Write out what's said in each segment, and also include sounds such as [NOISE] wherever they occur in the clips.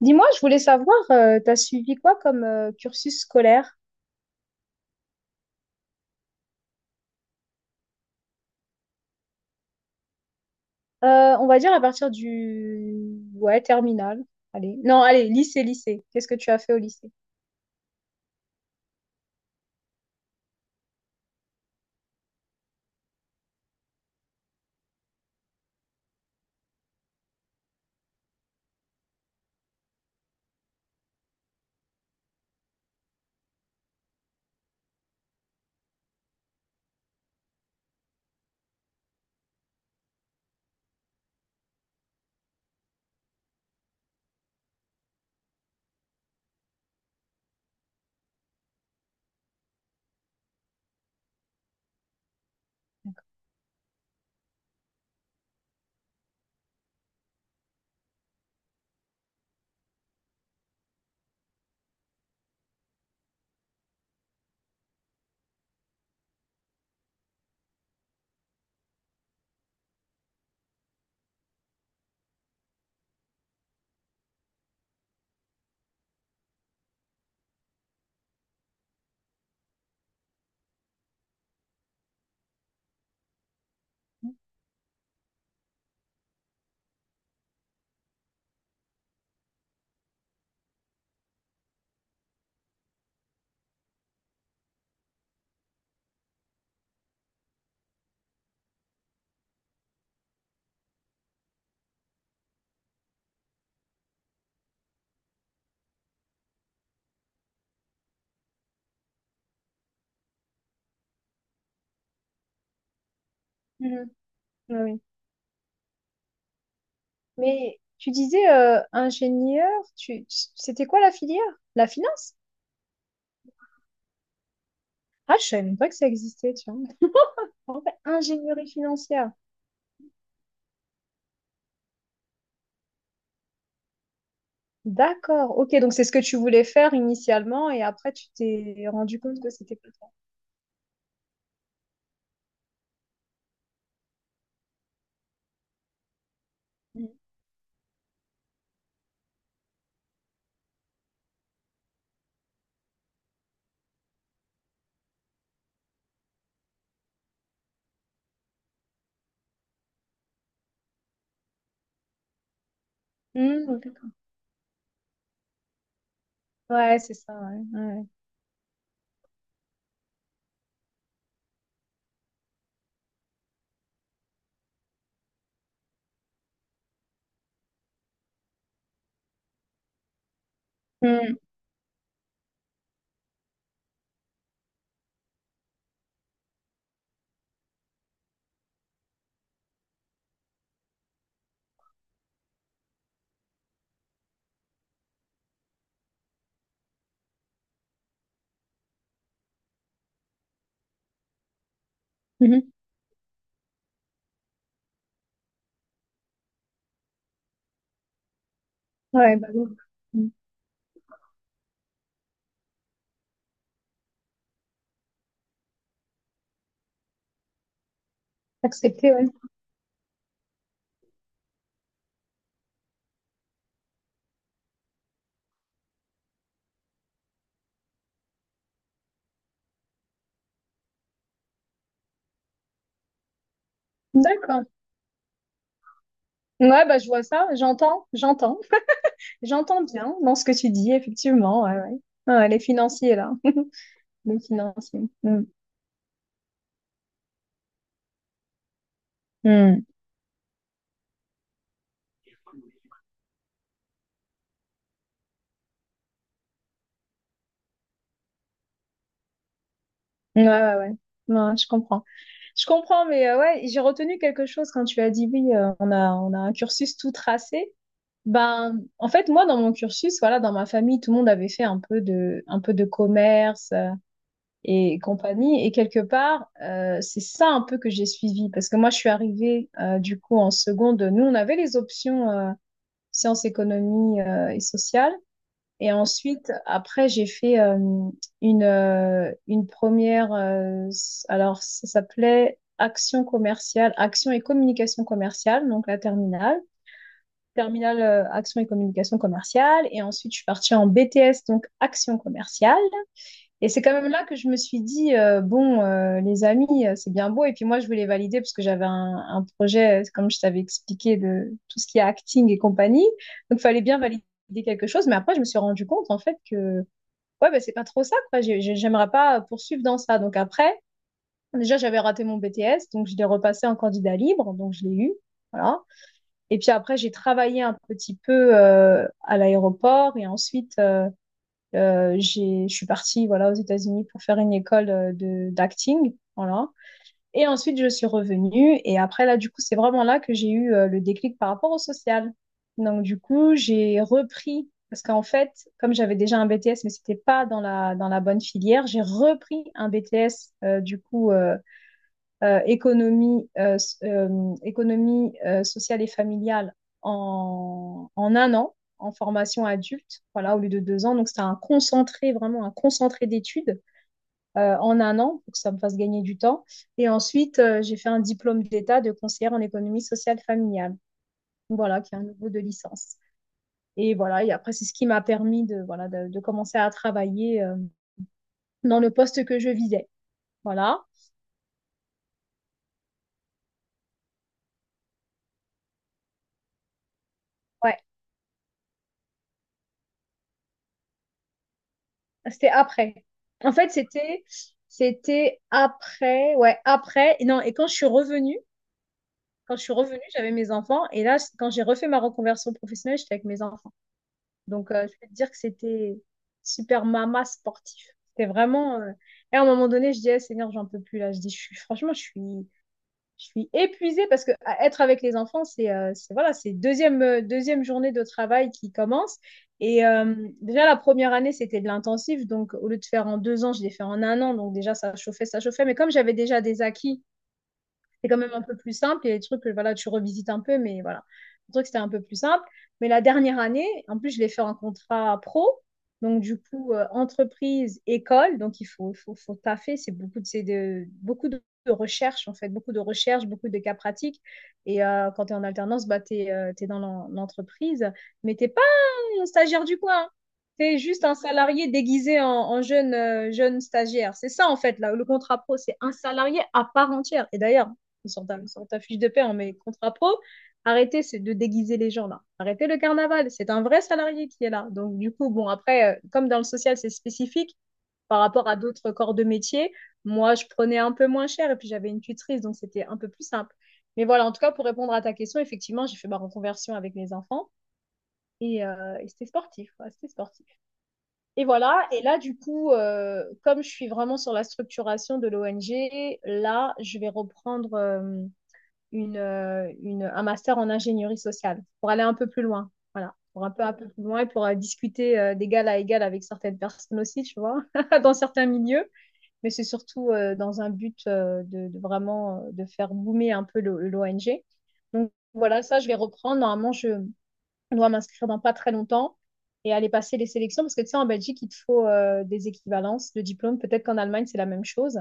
Dis-moi, je voulais savoir, t'as suivi quoi comme cursus scolaire? On va dire à partir du... Ouais, terminal. Allez. Non, allez, lycée, lycée. Qu'est-ce que tu as fait au lycée? Mhm. Ouais, ouais. Mais tu disais ingénieur, tu... c'était quoi la filière? La finance? Ah, je savais même pas que ça existait, tu vois. En fait, ingénierie financière. D'accord, ok, donc c'est ce que tu voulais faire initialement et après tu t'es rendu compte que c'était pas ça. Mhm. Mhm, d'accord. Ouais, c'est ça, ouais, ouais. Mhm. Mhm. Ouais, bah oui. Mm. Accepter, ouais. D'accord. Ouais, bah je vois ça, j'entends, j'entends. J'entends bien dans ce que tu dis, effectivement. Ouais, ouais. Ouais, les financiers, là. [LAUGHS] Les financiers. Mm. Mm. Ouais, ouais, ouais. Ouais, je comprends. Je comprends, mais ouais, j'ai retenu quelque chose quand tu as dit oui, on a un cursus tout tracé. Ben, en fait, moi, dans mon cursus, voilà, dans ma famille, tout le monde avait fait un peu de commerce et compagnie. Et quelque part, c'est ça un peu que j'ai suivi, parce que moi, je suis arrivée du coup en seconde. Nous, on avait les options sciences, économie et sociales. Et ensuite, après, j'ai fait une première, alors ça s'appelait action commerciale, action et communication commerciale, donc la terminale. Terminale action et communication commerciale. Et ensuite, je suis partie en BTS, donc action commerciale. Et c'est quand même là que je me suis dit, bon, les amis, c'est bien beau. Et puis moi, je voulais valider parce que j'avais un projet, comme je t'avais expliqué, de tout ce qui est acting et compagnie. Donc, il fallait bien valider quelque chose. Mais après, je me suis rendu compte, en fait, que ouais, bah, c'est pas trop ça, quoi. J'aimerais pas poursuivre dans ça. Donc, après, déjà, j'avais raté mon BTS. Donc, je l'ai repassé en candidat libre. Donc, je l'ai eu. Voilà. Et puis après, j'ai travaillé un petit peu à l'aéroport et ensuite, je suis partie voilà, aux États-Unis pour faire une école d'acting. Voilà. Et ensuite, je suis revenue. Et après, là, du coup, c'est vraiment là que j'ai eu le déclic par rapport au social. Donc, du coup, j'ai repris, parce qu'en fait, comme j'avais déjà un BTS, mais c'était pas dans la bonne filière, j'ai repris un BTS, du coup, économie, économie sociale et familiale en un an, en formation adulte, voilà, au lieu de deux ans. Donc, c'était un concentré, vraiment un concentré d'études en un an pour que ça me fasse gagner du temps. Et ensuite, j'ai fait un diplôme d'État de conseillère en économie sociale familiale, voilà, qui est un niveau de licence. Et voilà, et après, c'est ce qui m'a permis de, voilà, de commencer à travailler dans le poste que je visais. Voilà. Ouais. C'était après. En fait, c'était après, ouais, après. Et non, et quand je suis revenue, j'avais mes enfants. Et là, quand j'ai refait ma reconversion professionnelle, j'étais avec mes enfants. Donc, je peux te dire que c'était super mama sportif. C'était vraiment. Et à un moment donné, je dis, Eh, Seigneur, j'en peux plus là. Je dis, je suis, franchement, je suis épuisée parce que à être avec les enfants, voilà, c'est deuxième, deuxième journée de travail qui commence. Et déjà, la première année, c'était de l'intensif. Donc, au lieu de faire en deux ans, je l'ai fait en un an. Donc, déjà, ça chauffait, ça chauffait. Mais comme j'avais déjà des acquis, c'est quand même un peu plus simple. Il y a des trucs que voilà, tu revisites un peu, mais voilà. Le truc, c'était un peu plus simple. Mais la dernière année, en plus, je l'ai fait en contrat pro. Donc, du coup, entreprise, école. Donc, il faut taffer. C'est beaucoup de, c'est de, beaucoup de recherche, en fait, beaucoup de recherche, beaucoup de cas pratiques. Et quand tu es en alternance, bah, tu es, dans l'entreprise, mais tu un stagiaire du coin. C'est juste un salarié déguisé en jeune stagiaire. C'est ça, en fait, là, le contrat pro, c'est un salarié à part entière. Et d'ailleurs, sur ta fiche de paie, on met contrat pro. Arrêtez c'est de déguiser les gens, là. Arrêtez le carnaval. C'est un vrai salarié qui est là. Donc, du coup, bon, après, comme dans le social, c'est spécifique par rapport à d'autres corps de métier, moi, je prenais un peu moins cher et puis j'avais une tutrice, donc c'était un peu plus simple. Mais voilà, en tout cas, pour répondre à ta question, effectivement, j'ai fait ma reconversion avec mes enfants. Et c'était sportif, quoi, c'était sportif. Et voilà, et là, du coup, comme je suis vraiment sur la structuration de l'ONG, là, je vais reprendre un master en ingénierie sociale pour aller un peu plus loin. Voilà, pour un peu plus loin et pour discuter d'égal à égal avec certaines personnes aussi, tu vois, [LAUGHS] dans certains milieux. Mais c'est surtout dans un but de vraiment de faire boomer un peu l'ONG. Donc voilà, ça, je vais reprendre. Normalement, je dois m'inscrire dans pas très longtemps et aller passer les sélections parce que tu sais, en Belgique, il te faut des équivalences de diplômes. Peut-être qu'en Allemagne, c'est la même chose.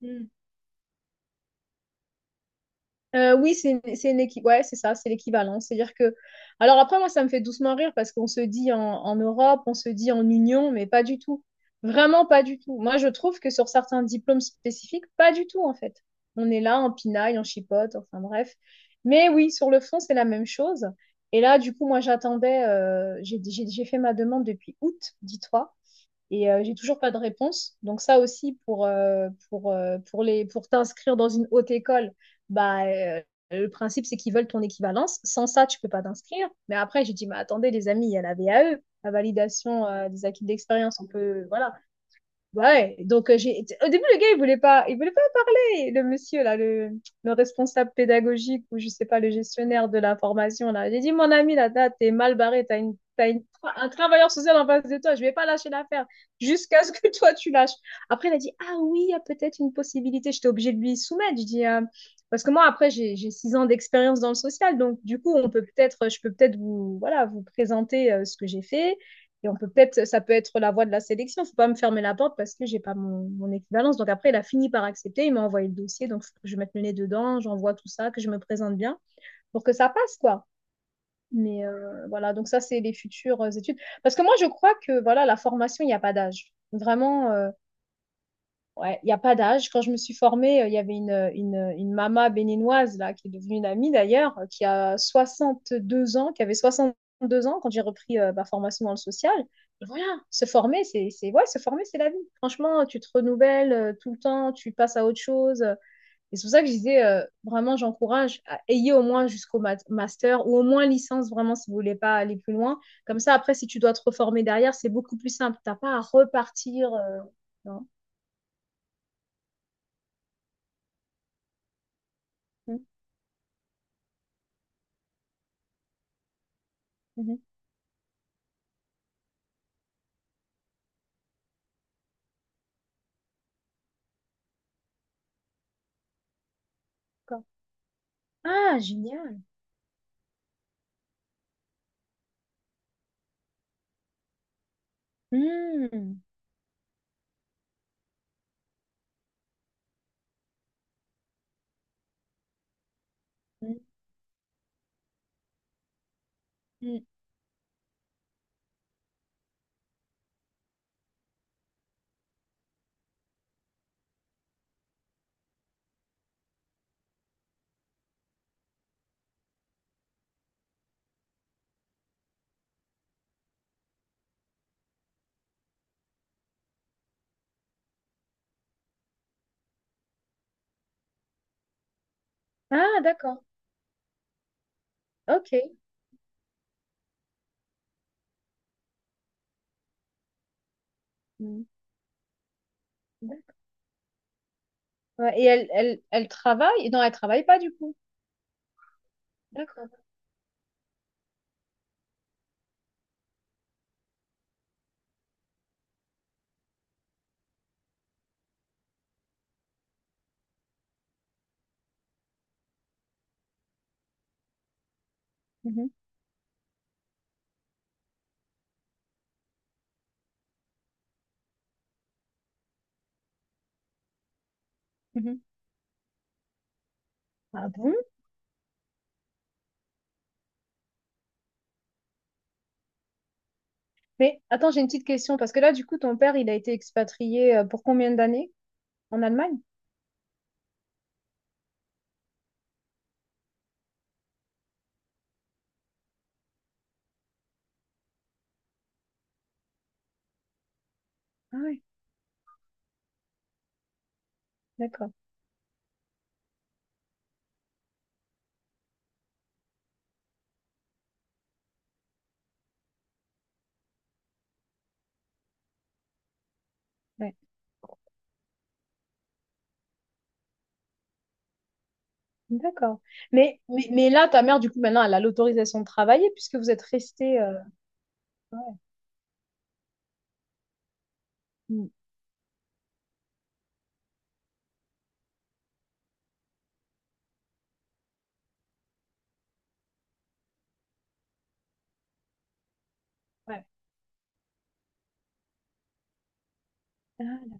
Hmm. Oui, c'est une équipe. Ouais, c'est ça, c'est l'équivalent. C'est-à-dire que. Alors après, moi, ça me fait doucement rire parce qu'on se dit en Europe, on se dit en Union, mais pas du tout. Vraiment pas du tout. Moi, je trouve que sur certains diplômes spécifiques, pas du tout, en fait. On est là en pinaille, en chipote, enfin bref. Mais oui, sur le fond, c'est la même chose. Et là, du coup, moi, j'attendais. J'ai fait ma demande depuis août, dis-toi. Et j'ai toujours pas de réponse. Donc ça aussi, pour t'inscrire dans une haute école, bah, le principe, c'est qu'ils veulent ton équivalence. Sans ça, tu peux pas t'inscrire. Mais après, j'ai dit, mais attendez, les amis, il y a la VAE, la validation des acquis d'expérience. On peut, voilà. Ouais. Donc, au début, le gars, il voulait pas. Ouais, le monsieur, là, le responsable pédagogique ou je sais pas, le gestionnaire de la formation, là, j'ai dit, mon ami, là, là, t'es mal barré, un travailleur social en face de toi, je vais pas lâcher l'affaire jusqu'à ce que [LAUGHS] toi, tu lâches. Après, il a dit, ah oui, il y a peut-être une possibilité. J'étais obligée de lui soumettre. Je dis, parce que moi, après, j'ai six ans d'expérience dans le social, donc du coup, je peux peut-être vous, voilà, vous présenter ce que j'ai fait et ça peut être la voie de la sélection. Il ne faut pas me fermer la porte parce que j'ai pas mon équivalence. Donc après, il a fini par accepter. Il m'a envoyé le dossier. Donc il faut que je mette le nez dedans, j'envoie tout ça, que je me présente bien pour que ça passe, quoi. Mais voilà, donc ça, c'est les futures études. Parce que moi, je crois que voilà, la formation, il n'y a pas d'âge. Vraiment, ouais, il n'y a pas d'âge. Quand je me suis formée, il y avait une maman béninoise là, qui est devenue une amie d'ailleurs, qui a 62 ans, qui avait 62 ans quand j'ai repris ma formation dans le social. Voilà, se former, ouais, se former, c'est la vie. Franchement, tu te renouvelles tout le temps, tu passes à autre chose. Et c'est pour ça que je disais, vraiment, j'encourage, ayez au moins jusqu'au master ou au moins licence, vraiment, si vous voulez pas aller plus loin. Comme ça, après, si tu dois te reformer derrière, c'est beaucoup plus simple. T'as pas à repartir. Non. Mhm. Mhm. D'accord. Ah, génial. Hmm. Hmm, hmm. Ah, d'accord. Ok. Hmm. D'ac- ouais, et elle travaille? Non, elle travaille pas du coup. D'accord. Mhm, mhm. Ah bon? Mais attends, j'ai une petite question parce que là, du coup, ton père, il a été expatrié pour combien d'années en Allemagne? Ah ouais, d'accord. Ouais. D'accord. Mais là, ta mère, du coup, maintenant, elle a l'autorisation de travailler puisque vous êtes resté. Ouais. Hmm. Ouais. Ah, là.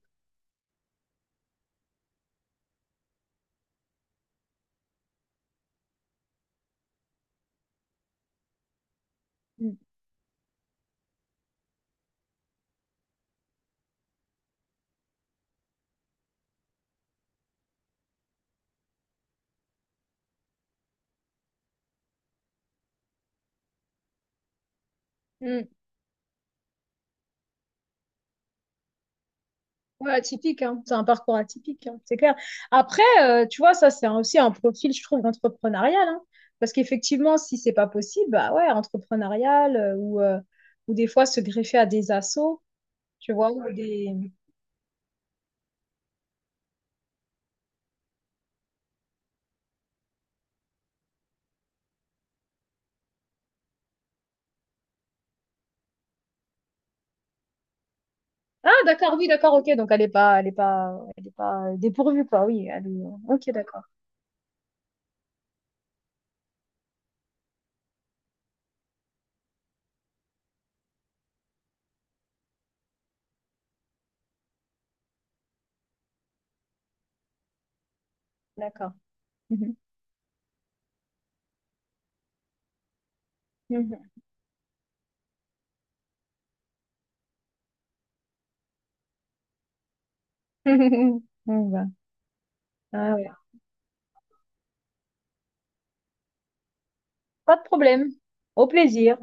Hmm. Ouais, atypique, hein. C'est un parcours atypique, hein, c'est clair. Après, tu vois, ça, c'est aussi un profil, je trouve, entrepreneurial, hein. Parce qu'effectivement, si c'est pas possible, bah ouais, entrepreneurial ou des fois se greffer à des assos, tu vois, ou des... Ah, d'accord, oui, d'accord, ok. Donc, elle est pas, elle est pas, elle est pas dépourvue, quoi, oui. Ok, d'accord, d'accord. Mhm, mhm. [LAUGHS] Bon, bah, ah ouais. Pas de problème. Au plaisir.